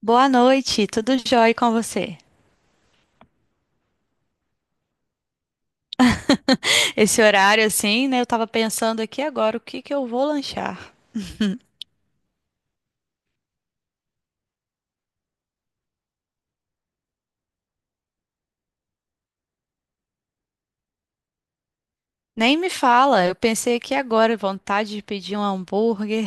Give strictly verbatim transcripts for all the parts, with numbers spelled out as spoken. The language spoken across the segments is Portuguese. Boa noite, tudo jóia com você? Esse horário assim, né? Eu tava pensando aqui agora o que que eu vou lanchar. Nem me fala, eu pensei aqui agora, vontade de pedir um hambúrguer.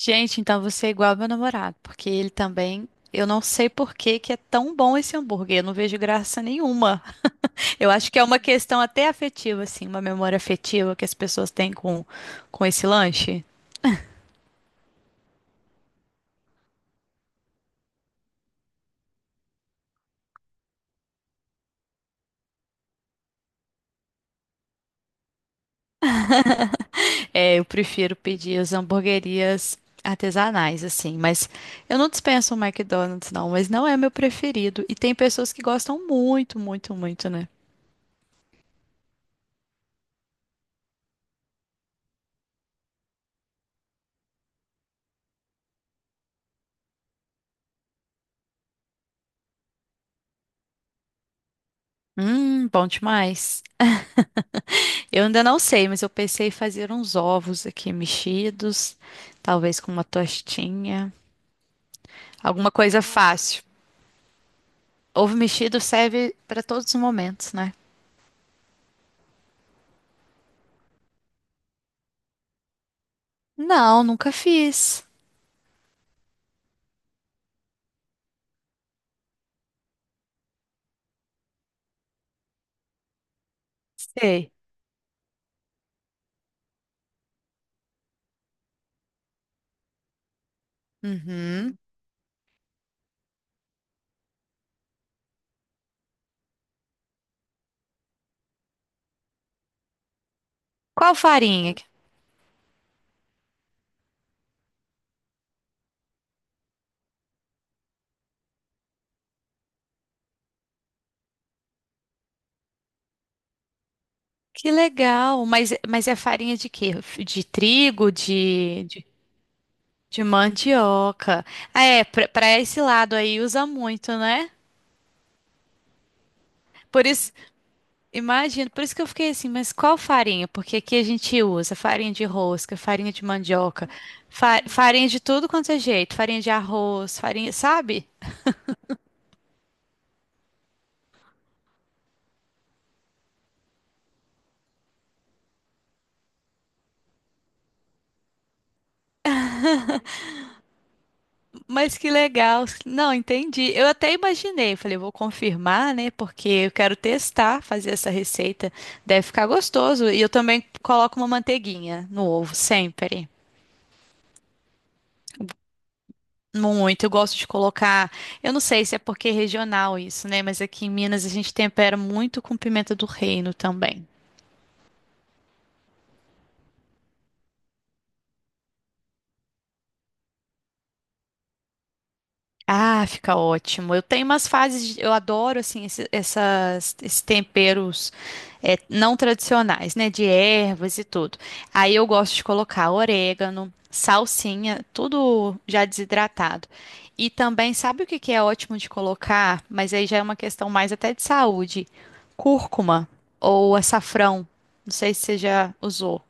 Gente, então você é igual ao meu namorado, porque ele também, eu não sei por que que é tão bom esse hambúrguer, eu não vejo graça nenhuma. Eu acho que é uma questão até afetiva, assim, uma memória afetiva que as pessoas têm com, com esse lanche. É, eu prefiro pedir as hamburguerias artesanais, assim, mas eu não dispenso o McDonald's, não, mas não é meu preferido. E tem pessoas que gostam muito, muito, muito, né? Hum, bom demais. Eu ainda não sei, mas eu pensei em fazer uns ovos aqui mexidos, talvez com uma tostinha, alguma coisa fácil. Ovo mexido serve para todos os momentos, né? Não, nunca fiz. Sei. Uhum. Qual farinha? Que legal. Mas, mas é farinha de quê? De trigo, de, de, de mandioca. Ah, é, pra, pra esse lado aí usa muito, né? Por isso, imagino, por isso que eu fiquei assim, mas qual farinha? Porque aqui a gente usa farinha de rosca, farinha de mandioca, fa- farinha de tudo quanto é jeito, farinha de arroz, farinha, sabe? Mas que legal. Não, entendi. Eu até imaginei, falei, vou confirmar, né? Porque eu quero testar, fazer essa receita. Deve ficar gostoso. E eu também coloco uma manteiguinha no ovo, sempre. Muito. Eu gosto de colocar. Eu não sei se é porque é regional isso, né? Mas aqui em Minas a gente tempera muito com pimenta do reino também. Ah, fica ótimo. Eu tenho umas fases, de- eu adoro assim esse- essas, esses temperos é, não tradicionais, né, de ervas e tudo. Aí eu gosto de colocar orégano, salsinha, tudo já desidratado. E também, sabe o que que é ótimo de colocar? Mas aí já é uma questão mais até de saúde. Cúrcuma ou açafrão. Não sei se você já usou.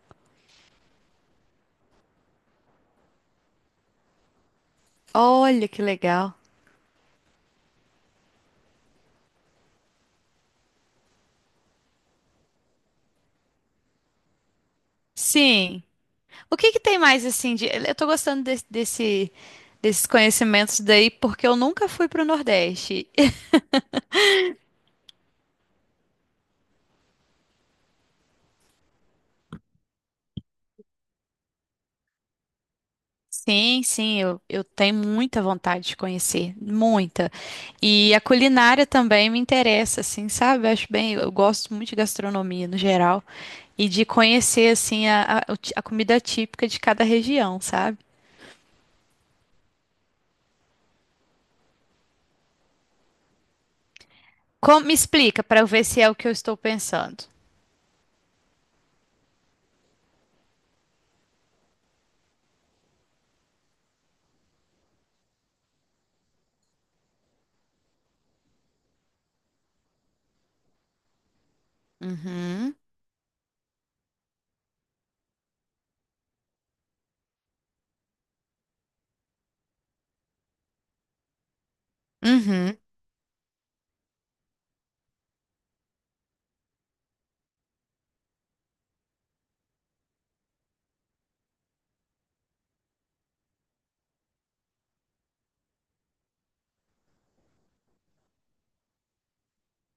Olha que legal. Sim. O que que tem mais assim de... Eu tô gostando desse, desse- desses conhecimentos daí porque eu nunca fui pro Nordeste. Sim, sim, eu, eu tenho muita vontade de conhecer, muita. E a culinária também me interessa, assim, sabe? Eu acho bem, eu gosto muito de gastronomia no geral e de conhecer assim a, a, o ti- a comida típica de cada região, sabe? Como, me explica para eu ver se é o que eu estou pensando. Uhum, uhum,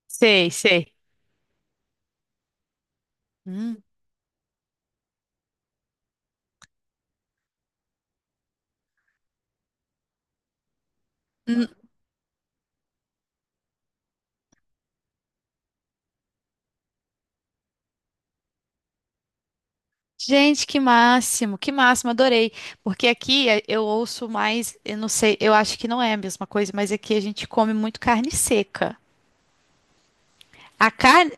sei, sei. Hum. Gente, que máximo, que máximo, adorei. Porque aqui eh, eu ouço mais, eu não sei, eu acho que não é a mesma coisa, mas aqui a gente come muito carne seca. A carne,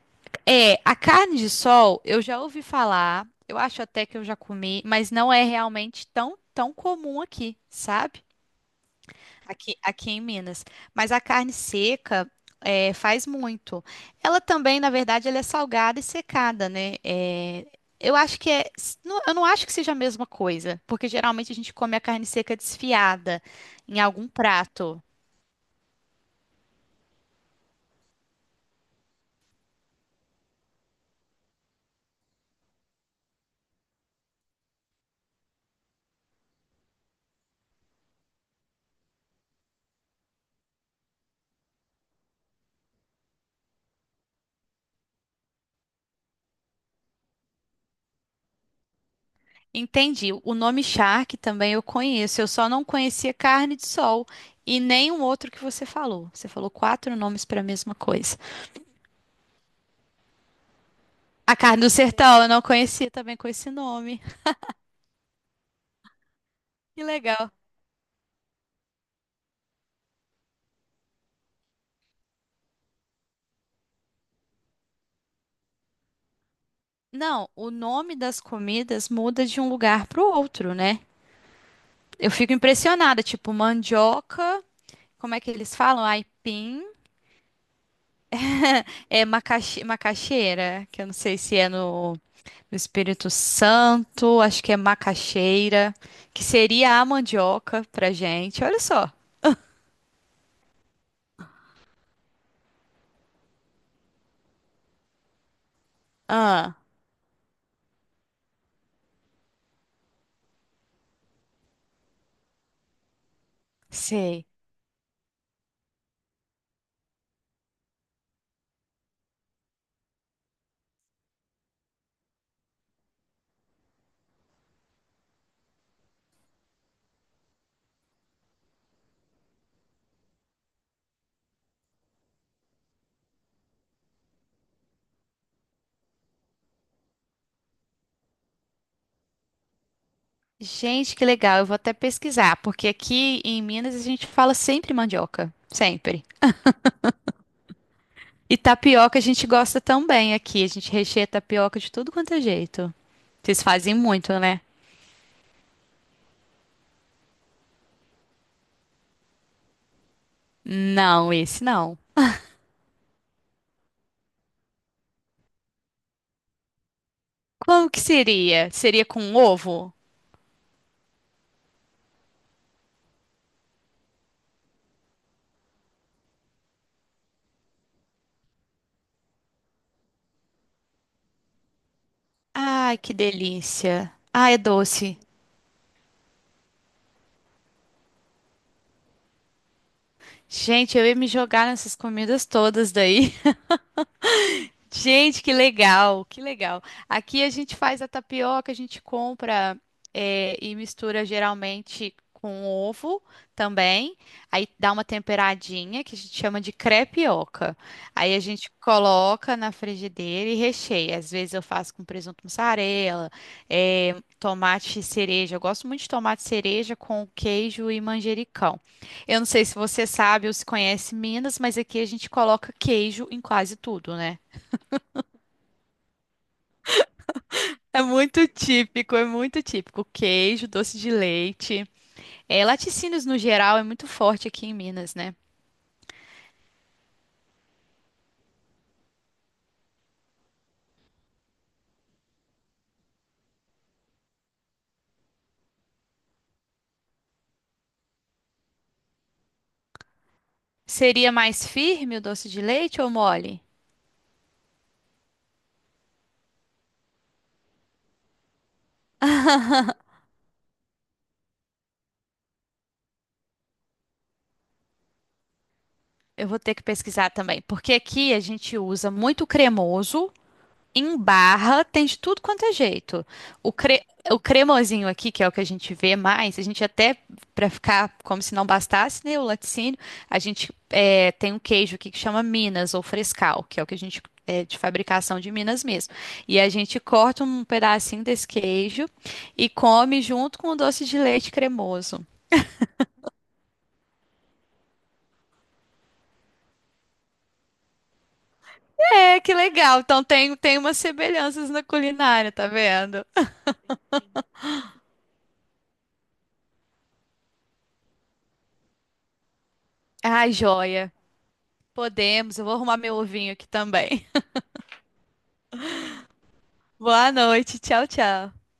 é, a carne de sol, eu já ouvi falar, eu acho até que eu já comi, mas não é realmente tão, tão comum aqui, sabe? Aqui, aqui em Minas. Mas a carne seca é, faz muito. Ela também, na verdade, ela é salgada e secada, né? É, eu acho que é. s- não- Eu não acho que seja a mesma coisa, porque geralmente a gente come a carne seca desfiada em algum prato. Entendi. O nome charque também eu conheço. Eu só não conhecia carne de sol e nenhum outro que você falou. Você falou quatro nomes para a mesma coisa. A carne do sertão eu não conhecia também com esse nome. Que legal. Não, o nome das comidas muda de um lugar para o outro, né? Eu fico impressionada, tipo mandioca, como é que eles falam? Aipim, é macaxi- macaxeira, que eu não sei se é no, no Espírito Santo, acho que é macaxeira, que seria a mandioca pra gente. Olha só. Ah, sei. Gente, que legal. Eu vou até pesquisar, porque aqui em Minas a gente fala sempre mandioca, sempre. E tapioca a gente gosta também aqui. A gente recheia tapioca de tudo quanto é jeito. Vocês fazem muito, né? Não, esse não. Como que seria? Seria com ovo? Ai, que delícia. Ah, é doce. Gente, eu ia me jogar nessas comidas todas daí. Gente, que legal, que legal. Aqui a gente faz a tapioca, a gente compra eh, e mistura geralmente com ovo também. Aí dá uma temperadinha que a gente chama de crepioca. Aí a gente coloca na frigideira e recheia. Às vezes eu faço com presunto mussarela, eh, tomate cereja. Eu gosto muito de tomate cereja com queijo e manjericão. Eu não sei se você sabe ou se conhece Minas, mas aqui a gente coloca queijo em quase tudo, né? É muito típico, é muito típico. Queijo, doce de leite. É, laticínios no geral é muito forte aqui em Minas, né? Seria mais firme o doce de leite ou mole? Eu vou ter que pesquisar também, porque aqui a gente usa muito cremoso. Em barra tem de tudo quanto é jeito. O, cre... o cremosinho aqui, que é o que a gente vê mais, a gente até, para ficar como se não bastasse, né, o laticínio, a gente é, tem um queijo aqui que chama Minas ou Frescal, que é o que a gente é de fabricação de Minas mesmo. E a gente corta um pedacinho desse queijo e come junto com o doce de leite cremoso. É, que legal. Então tem, tem umas semelhanças na culinária, tá vendo? Ai, joia. Podemos, eu vou arrumar meu ovinho aqui também. Boa noite. Tchau, tchau.